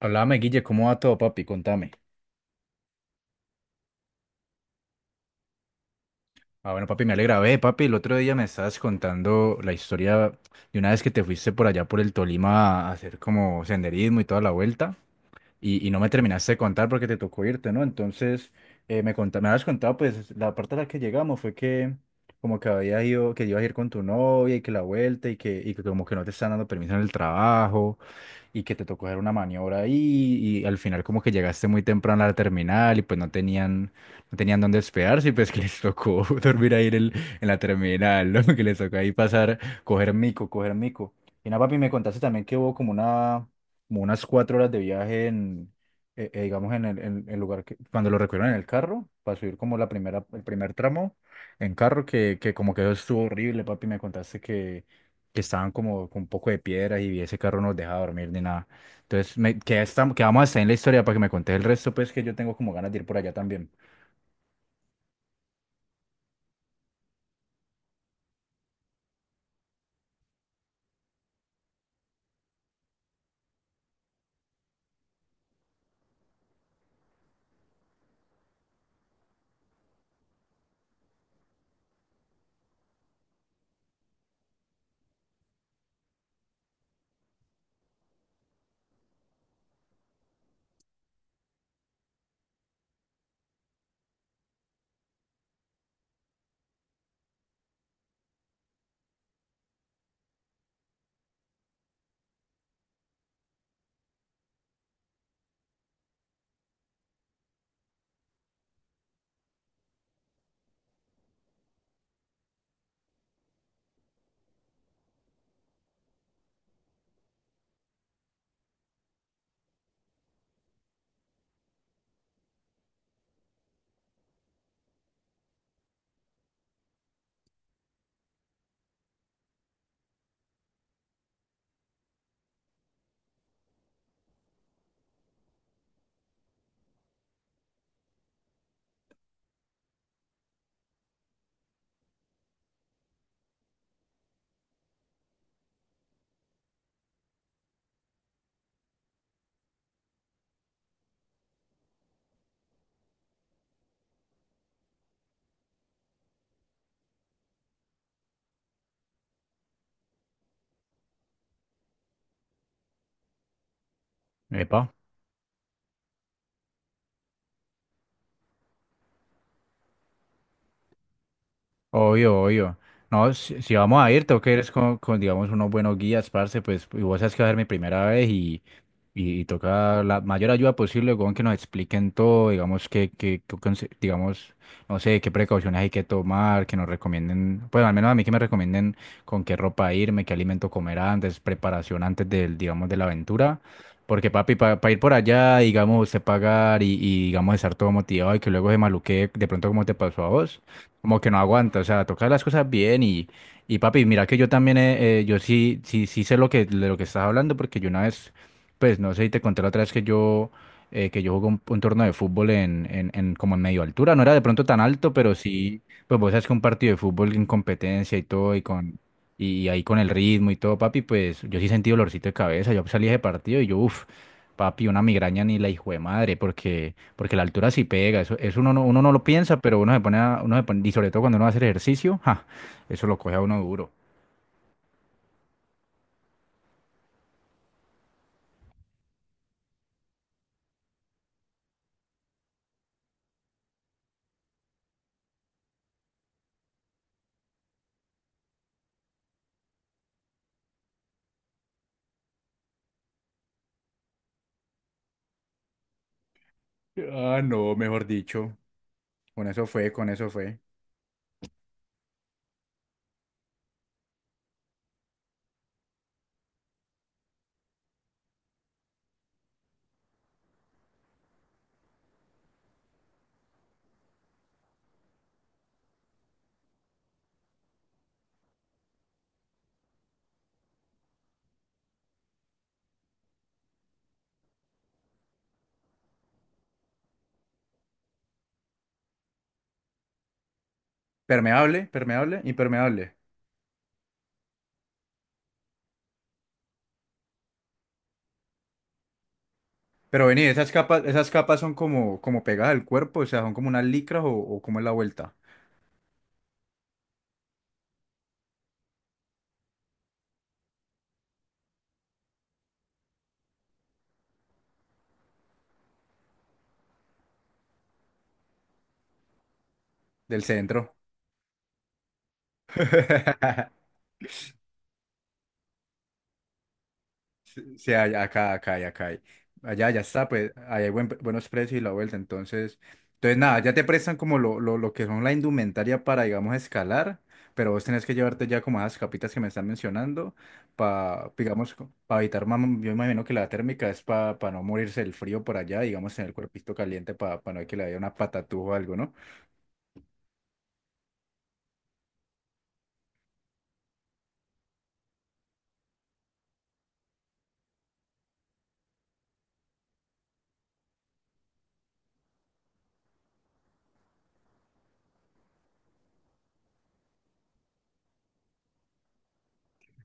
Hablame Guille, ¿cómo va todo, papi? Contame. Ah, bueno, papi, me alegra. Ve, papi, el otro día me estabas contando la historia de una vez que te fuiste por allá por el Tolima a hacer como senderismo y toda la vuelta, y no me terminaste de contar porque te tocó irte, ¿no? Entonces, me habías contado, pues, la parte a la que llegamos fue que como que había ido, que ibas a ir con tu novia y que la vuelta y que como que no te están dando permiso en el trabajo. Y que te tocó hacer una maniobra ahí y al final como que llegaste muy temprano a la terminal y pues no tenían dónde hospedarse y pues que les tocó dormir ahí en la terminal, ¿no? Que les tocó ahí pasar, coger mico, coger mico. Y nada, papi, me contaste también que hubo como unas 4 horas de viaje digamos, en el lugar que, cuando lo recogieron en el carro, para subir como la primera, el primer tramo en carro, que como que eso estuvo horrible, papi, me contaste que estaban como con un poco de piedras y ese carro no nos dejaba dormir ni nada. Entonces, que vamos a estar en la historia para que me contes el resto, pues que yo tengo como ganas de ir por allá también. Epa. Obvio, obvio. No, si vamos a ir, tengo que ir es con, digamos, unos buenos guías, parce, pues, y vos sabes que va a ser mi primera vez y toca la mayor ayuda posible, con que nos expliquen todo, digamos, digamos, no sé, qué precauciones hay que tomar, que nos recomienden, pues, al menos a mí que me recomienden con qué ropa irme, qué alimento comer antes, preparación antes del, digamos, de la aventura. Porque papi, para ir por allá, digamos, usted pagar y, digamos estar todo motivado y que luego se maluquee de pronto como te pasó a vos. Como que no aguanta, o sea, tocar las cosas bien y papi, mira que yo también, yo sí sé lo que, de lo que estás hablando, porque yo una vez, pues no sé si te conté la otra vez que yo, que yo jugué un torneo de fútbol en como en medio altura, no era de pronto tan alto, pero sí, pues vos sabes que un partido de fútbol en competencia y todo, y y ahí con el ritmo y todo, papi, pues yo sí sentí dolorcito de cabeza, yo salí de ese partido y yo, uff. Papi, una migraña ni la hijo de madre, porque, porque la altura sí pega, eso uno no lo piensa, pero uno se pone, y sobre todo cuando uno va a hacer ejercicio, ja, eso lo coge a uno duro. Ah, no, mejor dicho. Con eso fue, con eso fue. Permeable, permeable, impermeable. Pero vení, esas capas son como pegadas al cuerpo, o sea, son como unas licras o como es la vuelta del centro. Sí, acá, acá, y acá. Hay. Allá ya está, pues ahí hay buenos precios y la vuelta. Entonces, entonces nada, ya te prestan como lo que son la indumentaria para, digamos, escalar, pero vos tenés que llevarte ya como esas capitas que me están mencionando para, digamos, para evitar, yo imagino que la térmica es para no morirse del frío por allá, digamos, en el cuerpito caliente para no que le dé una patatúa o algo, ¿no?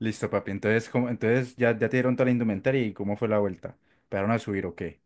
Listo, papi. Entonces, como entonces ya te dieron toda la indumentaria y cómo fue la vuelta. ¿Pegaron a subir o qué?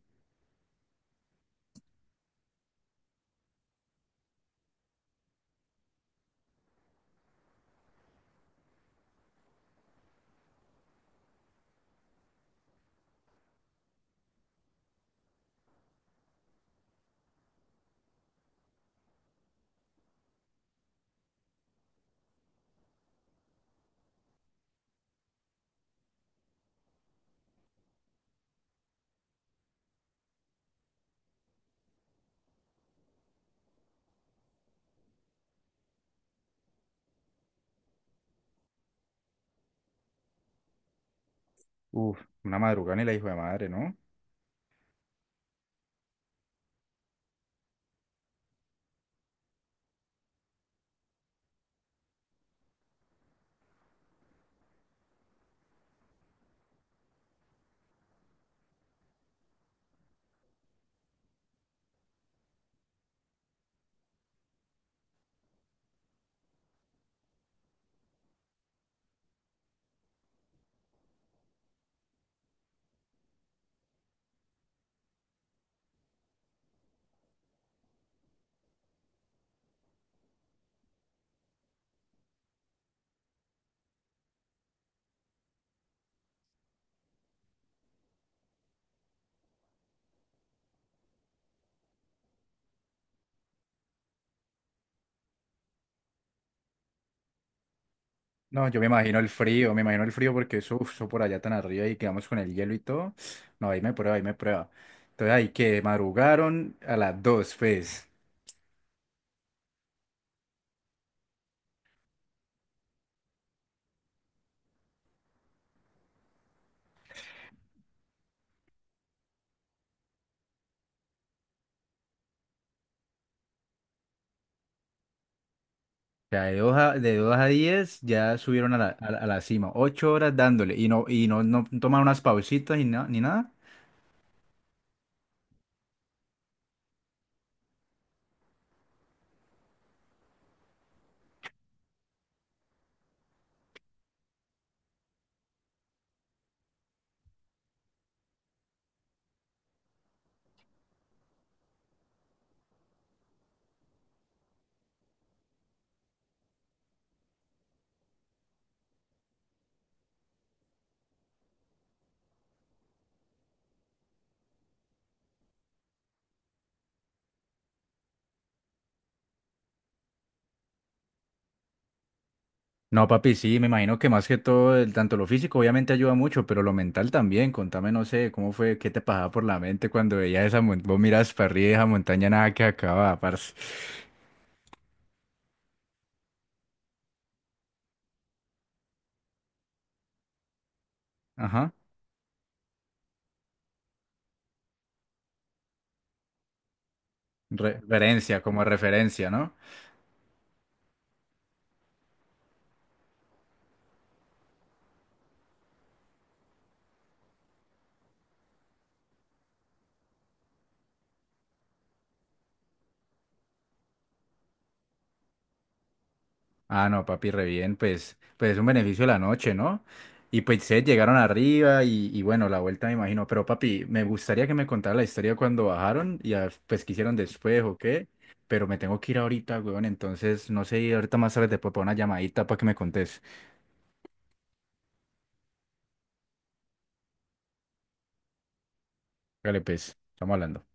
Uf, una madrugada y la hijo de madre, ¿no? No, yo me imagino el frío, me imagino el frío porque eso, uf, eso por allá tan arriba y quedamos con el hielo y todo. No, ahí me prueba, ahí me prueba. Entonces ahí que madrugaron a las 2, pues. Ya de 2 a 10 ya subieron a a la cima. 8 horas dándole no toman unas pausitas y ni nada. No, papi, sí, me imagino que más que todo, el- tanto lo físico obviamente ayuda mucho, pero lo mental también. Contame, no sé, cómo fue, qué te pasaba por la mente cuando veías esa montaña, vos miras para arriba y esa montaña nada que acababa, parce. Ajá. Referencia, como referencia, ¿no? Ah, no, papi, re bien, pues, pues es un beneficio de la noche, ¿no? Y pues ustedes llegaron arriba y bueno, la vuelta me imagino, pero papi, me gustaría que me contara la historia cuando bajaron y pues qué hicieron después o qué, pero me tengo que ir ahorita, weón, entonces no sé, ahorita más tarde te puedo poner una llamadita para que me contes. Dale, pues, estamos hablando.